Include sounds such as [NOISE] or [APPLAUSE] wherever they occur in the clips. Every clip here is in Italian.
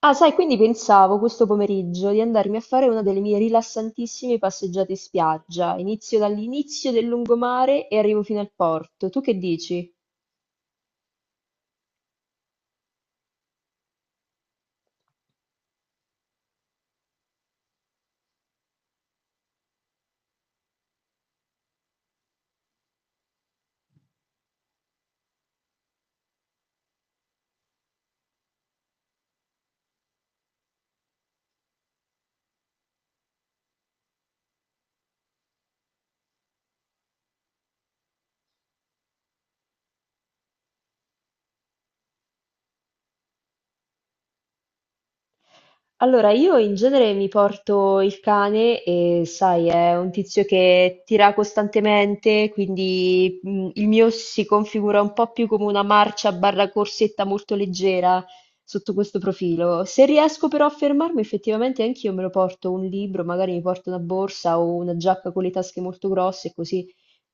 Ah, sai, quindi pensavo questo pomeriggio di andarmi a fare una delle mie rilassantissime passeggiate in spiaggia. Inizio dall'inizio del lungomare e arrivo fino al porto. Tu che dici? Allora, io in genere mi porto il cane e sai, è un tizio che tira costantemente, quindi il mio si configura un po' più come una marcia barra corsetta molto leggera sotto questo profilo. Se riesco però a fermarmi, effettivamente anch'io me lo porto un libro, magari mi porto una borsa o una giacca con le tasche molto grosse, così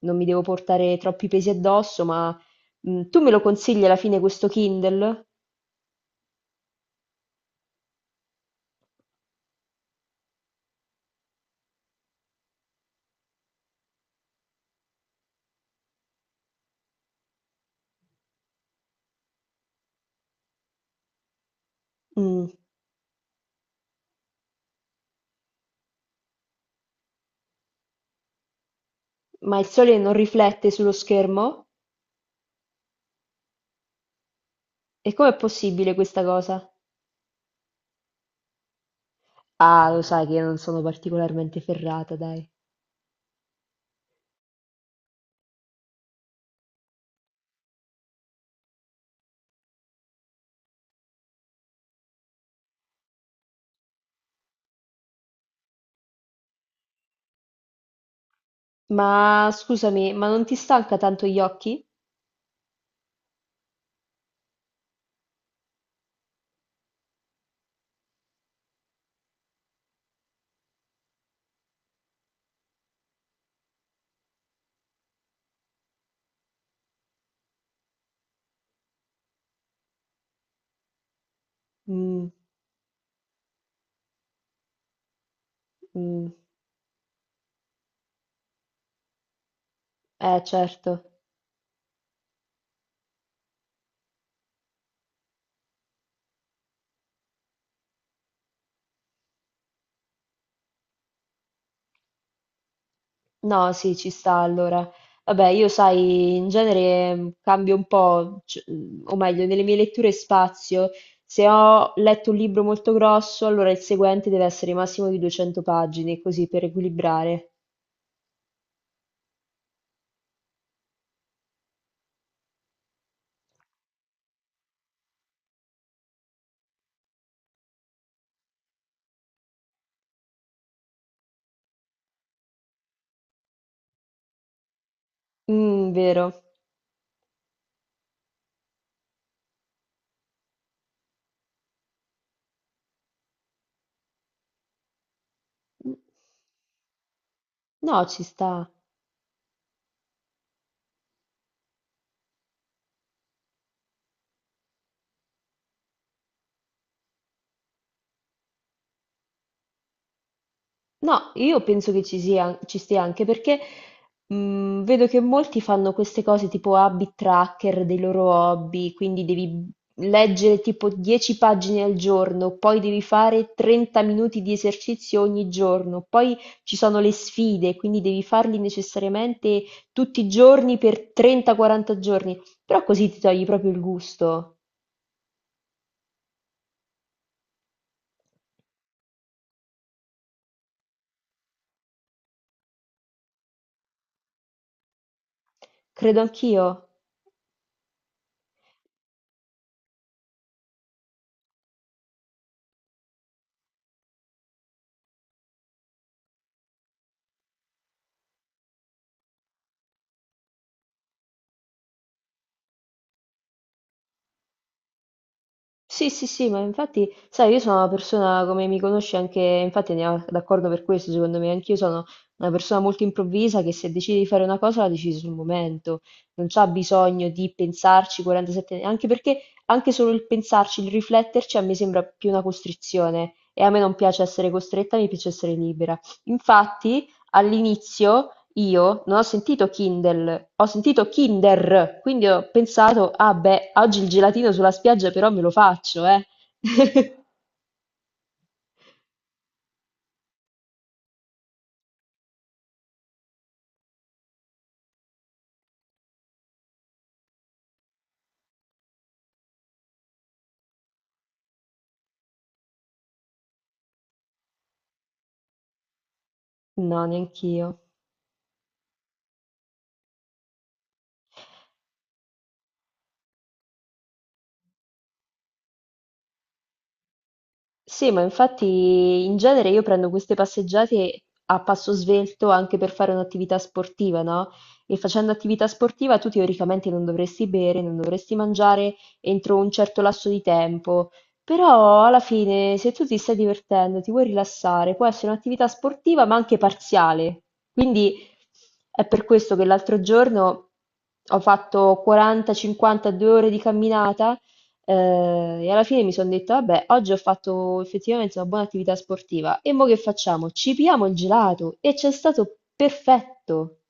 non mi devo portare troppi pesi addosso, ma tu me lo consigli alla fine questo Kindle? Mm. Ma il sole non riflette sullo schermo? E com'è possibile questa cosa? Ah, lo sai che io non sono particolarmente ferrata, dai. Ma scusami, ma non ti stanca tanto gli occhi? Mm. Mm. Eh, certo. No, sì, ci sta allora. Vabbè, io sai, in genere cambio un po', o meglio, nelle mie letture spazio. Se ho letto un libro molto grosso, allora il seguente deve essere massimo di 200 pagine, così per equilibrare. Mm, vero. Mm. No, ci sta. No, io penso che ci sia, ci stia anche perché vedo che molti fanno queste cose tipo habit tracker dei loro hobby, quindi devi leggere tipo 10 pagine al giorno, poi devi fare 30 minuti di esercizio ogni giorno, poi ci sono le sfide, quindi devi farli necessariamente tutti i giorni per 30-40 giorni, però così ti togli proprio il gusto, credo anch'io. Sì, sì, sì, ma infatti, sai, io sono una persona, come mi conosci anche, infatti andiamo d'accordo per questo, secondo me, anch'io sono una persona molto improvvisa che se decide di fare una cosa la decide sul momento, non c'ha bisogno di pensarci 47, anche perché anche solo il pensarci, il rifletterci a me sembra più una costrizione e a me non piace essere costretta, mi piace essere libera. Infatti, all'inizio io non ho sentito Kindle, ho sentito Kinder, quindi ho pensato, ah beh, oggi il gelatino sulla spiaggia però me lo faccio, eh. [LAUGHS] No, neanch'io. Sì, ma infatti in genere io prendo queste passeggiate a passo svelto anche per fare un'attività sportiva, no? E facendo attività sportiva tu teoricamente non dovresti bere, non dovresti mangiare entro un certo lasso di tempo, però alla fine se tu ti stai divertendo, ti vuoi rilassare, può essere un'attività sportiva ma anche parziale. Quindi è per questo che l'altro giorno ho fatto 40-52 ore di camminata e alla fine mi sono detta, vabbè, oggi ho fatto effettivamente una buona attività sportiva. E mo che facciamo? Ci piamo il gelato e c'è stato perfetto.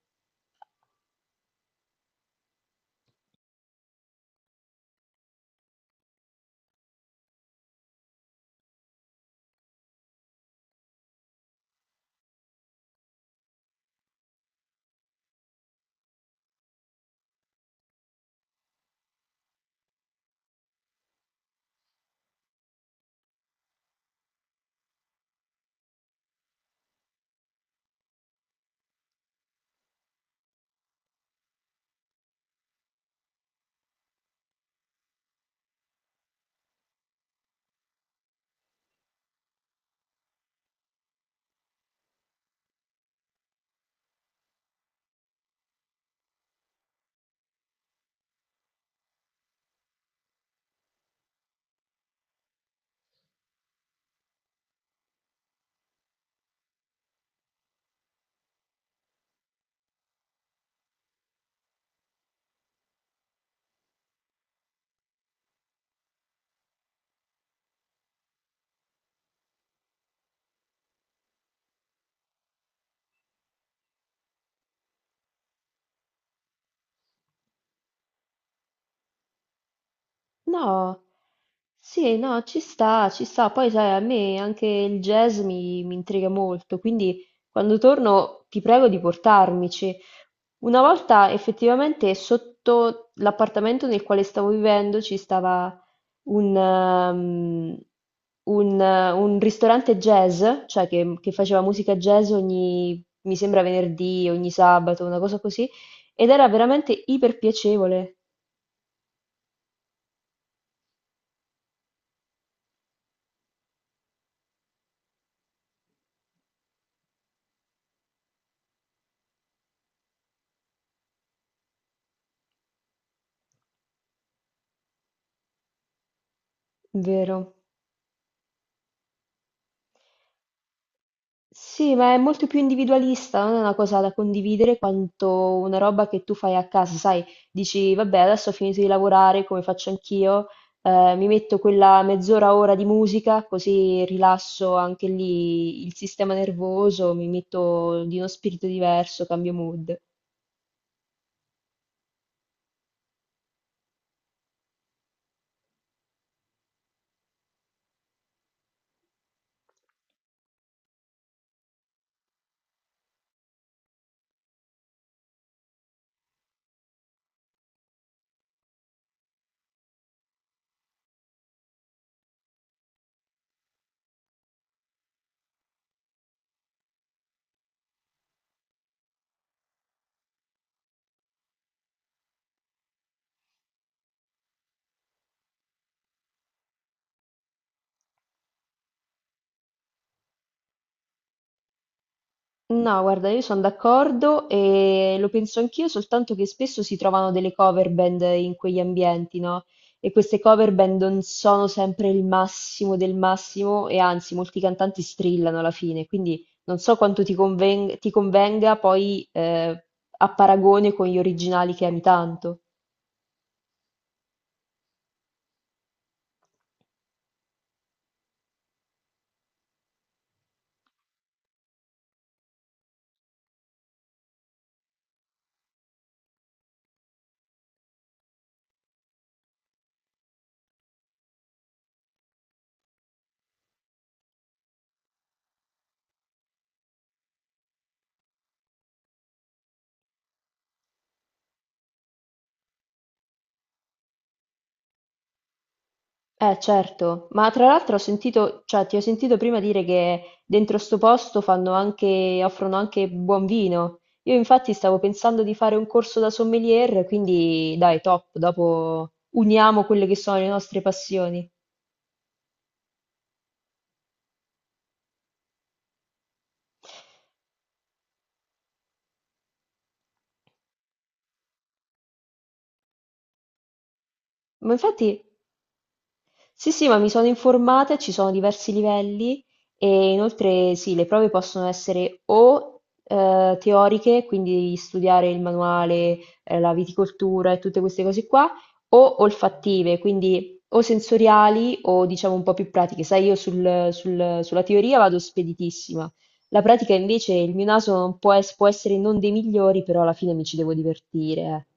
No, sì, no, ci sta, ci sta. Poi sai, a me anche il jazz mi intriga molto, quindi quando torno ti prego di portarmici. Una volta effettivamente sotto l'appartamento nel quale stavo vivendo ci stava un, ehm, un ristorante jazz, cioè che faceva musica jazz ogni, mi sembra venerdì, ogni sabato, una cosa così, ed era veramente iper piacevole, vero. Sì, ma è molto più individualista, non è una cosa da condividere quanto una roba che tu fai a casa, sai, dici, vabbè, adesso ho finito di lavorare, come faccio anch'io, mi metto quella mezz'ora, ora di musica, così rilasso anche lì il sistema nervoso, mi metto di uno spirito diverso, cambio mood. No, guarda, io sono d'accordo e lo penso anch'io, soltanto che spesso si trovano delle cover band in quegli ambienti, no? E queste cover band non sono sempre il massimo del massimo e anzi, molti cantanti strillano alla fine, quindi non so quanto ti convenga poi a paragone con gli originali che ami tanto. Eh certo, ma tra l'altro ho sentito, cioè ti ho sentito prima dire che dentro sto posto fanno anche, offrono anche buon vino. Io infatti stavo pensando di fare un corso da sommelier, quindi dai, top, dopo uniamo quelle che sono le nostre passioni. Ma infatti, sì, sì, ma mi sono informata, ci sono diversi livelli e inoltre sì, le prove possono essere o teoriche, quindi studiare il manuale, la viticoltura e tutte queste cose qua, o olfattive, quindi o sensoriali o diciamo un po' più pratiche. Sai, io sulla teoria vado speditissima. La pratica invece, il mio naso non può, può essere non dei migliori, però alla fine mi ci devo divertire. Eh.